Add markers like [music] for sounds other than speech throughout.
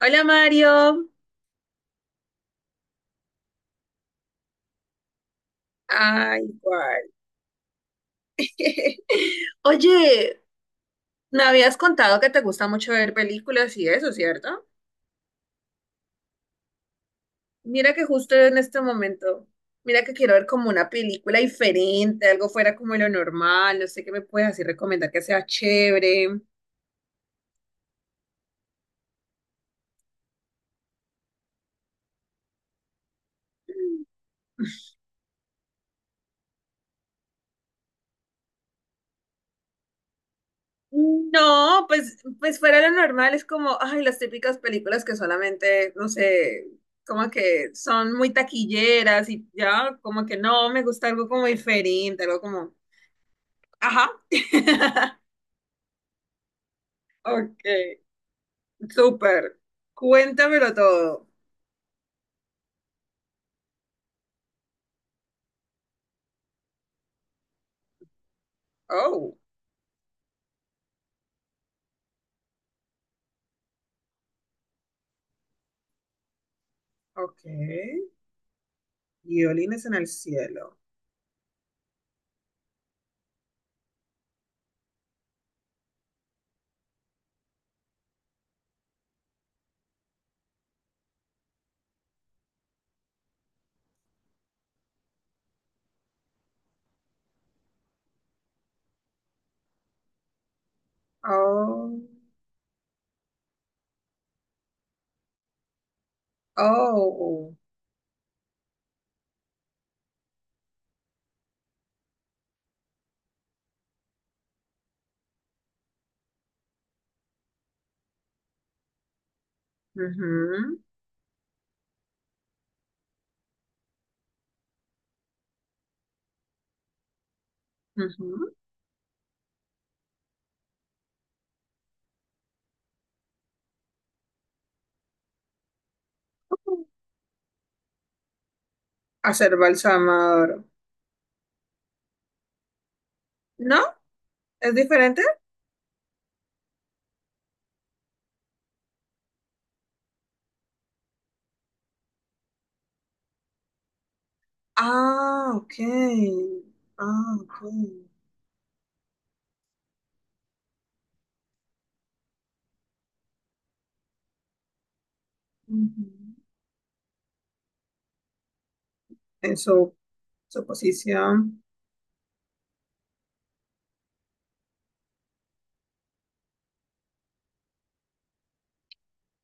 Hola, Mario. Ay, igual. [laughs] Oye, me habías contado que te gusta mucho ver películas y eso, ¿cierto? Mira que justo en este momento, mira que quiero ver como una película diferente, algo fuera como lo normal, no sé qué me puedes así recomendar que sea chévere. No, pues, fuera lo normal es como, ay, las típicas películas que solamente, no sé, como que son muy taquilleras y ya, como que no, me gusta algo como diferente, algo como... Ajá. [laughs] Ok, súper. Cuéntamelo todo. Oh, ok. Violines en el cielo. Oh, oh. Ujú, ujú. Hacer balsamador. ¿No? ¿Es diferente? Ah, ok. Ah, ok. Ujú. En su, su posición.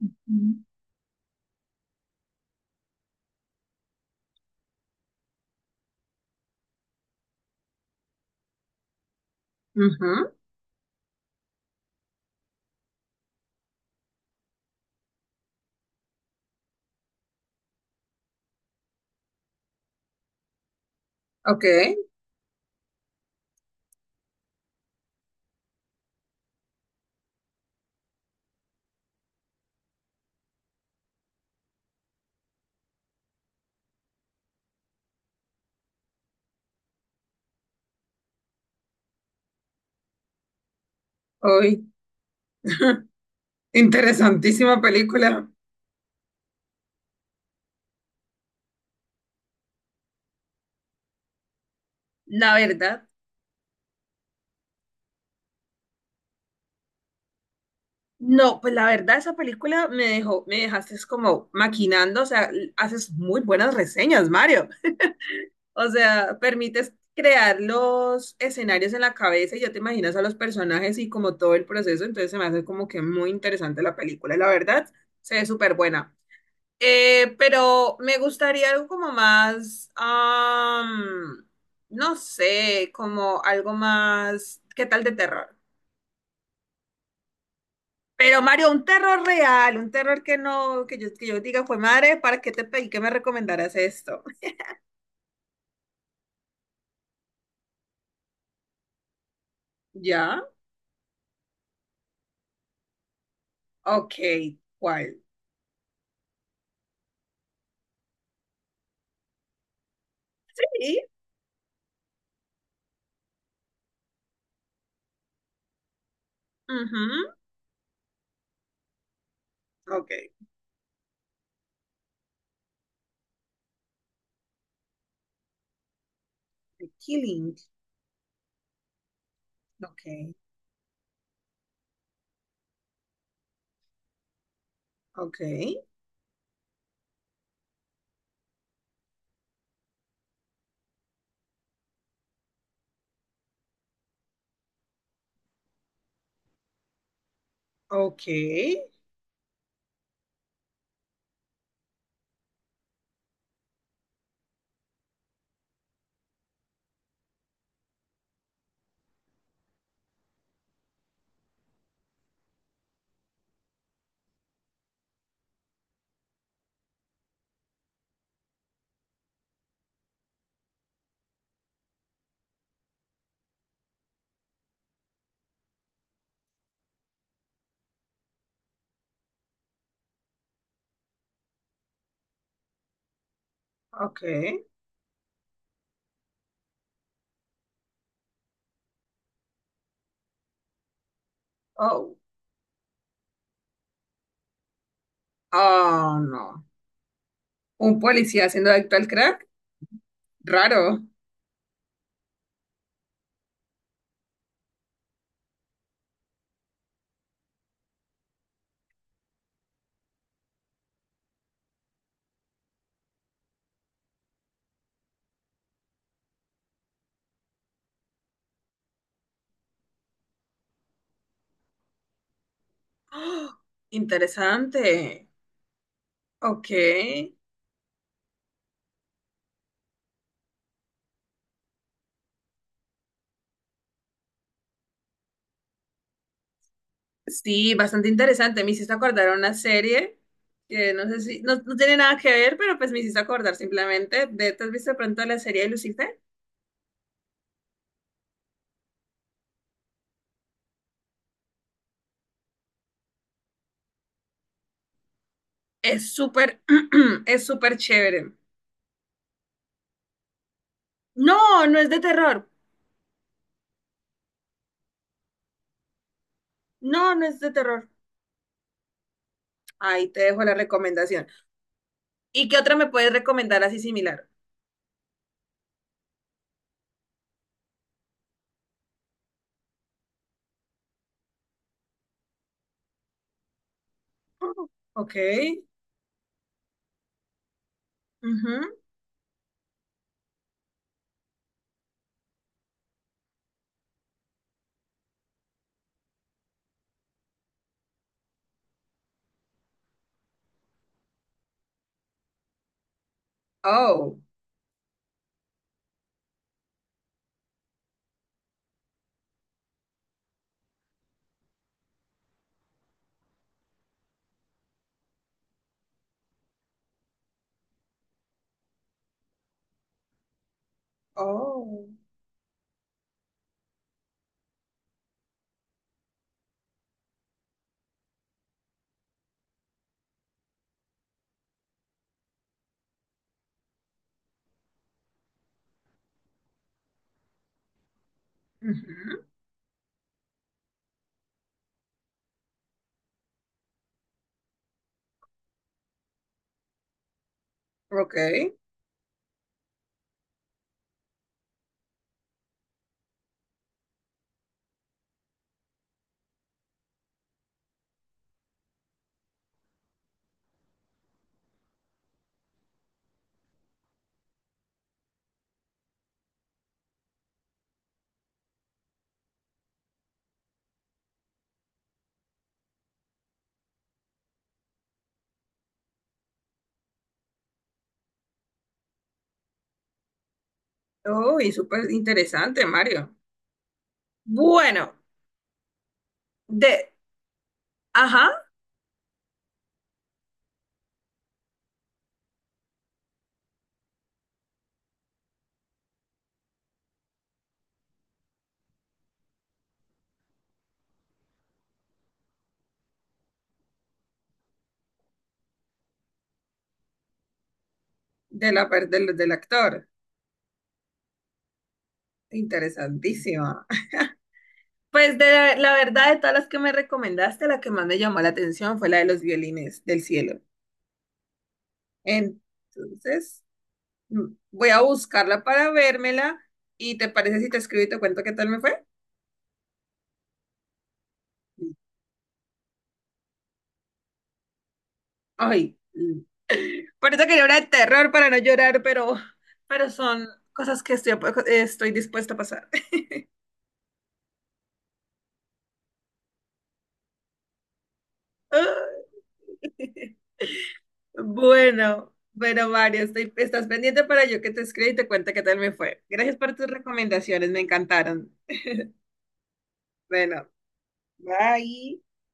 Ujú. Ujú. Ok. Hoy, interesantísima película. La verdad. No, pues la verdad esa película me dejó, me dejaste es como maquinando, o sea, haces muy buenas reseñas, Mario. O sea, permites crear los escenarios en la cabeza y ya te imaginas a los personajes y como todo el proceso, entonces se me hace como que muy interesante la película, la verdad, se ve súper buena. Pero me gustaría algo como más, no sé, como algo más, ¿qué tal de terror? Pero Mario, un terror real, un terror que no, que yo diga, fue madre, ¿para qué te pedí que me recomendaras esto? ¿Ya? Ok, ¿cuál? Sí, ujú, ok. The Killing. Ok, ok, ok, ok. Oh, oh, no. Un policía haciendo de actual crack. Raro. [gasps] ¡Ah, interesante! Ok, sí, bastante interesante. Me hiciste acordar a una serie que no sé si, no, no tiene nada que ver, pero pues me hiciste acordar simplemente de, ¿te has visto de pronto la serie de Lucifer? Es súper, [clears throat] es súper chévere. No, no es de terror. No, no es de terror. Ahí te dejo la recomendación. ¿Y qué otra me puedes recomendar así similar? Oh, ok. Ujú. Oh, oh. Ujú. Ok. Oh, y súper interesante, Mario. Bueno, de, ajá. De la, del actor. Interesantísima. Pues de la, la verdad, de todas las que me recomendaste, la que más me llamó la atención fue la de los violines del cielo. Entonces, mm, voy a buscarla para vérmela. ¿Y te parece si te escribo y te cuento qué tal me fue? Ay, mm, por eso quería una de terror para no llorar, pero son cosas que estoy, estoy dispuesta a pasar. [laughs] Ay. Bueno, bueno, Mario, estoy, estás pendiente para yo que te escriba y te cuente qué tal me fue. Gracias por tus recomendaciones, me encantaron. Bueno, bye.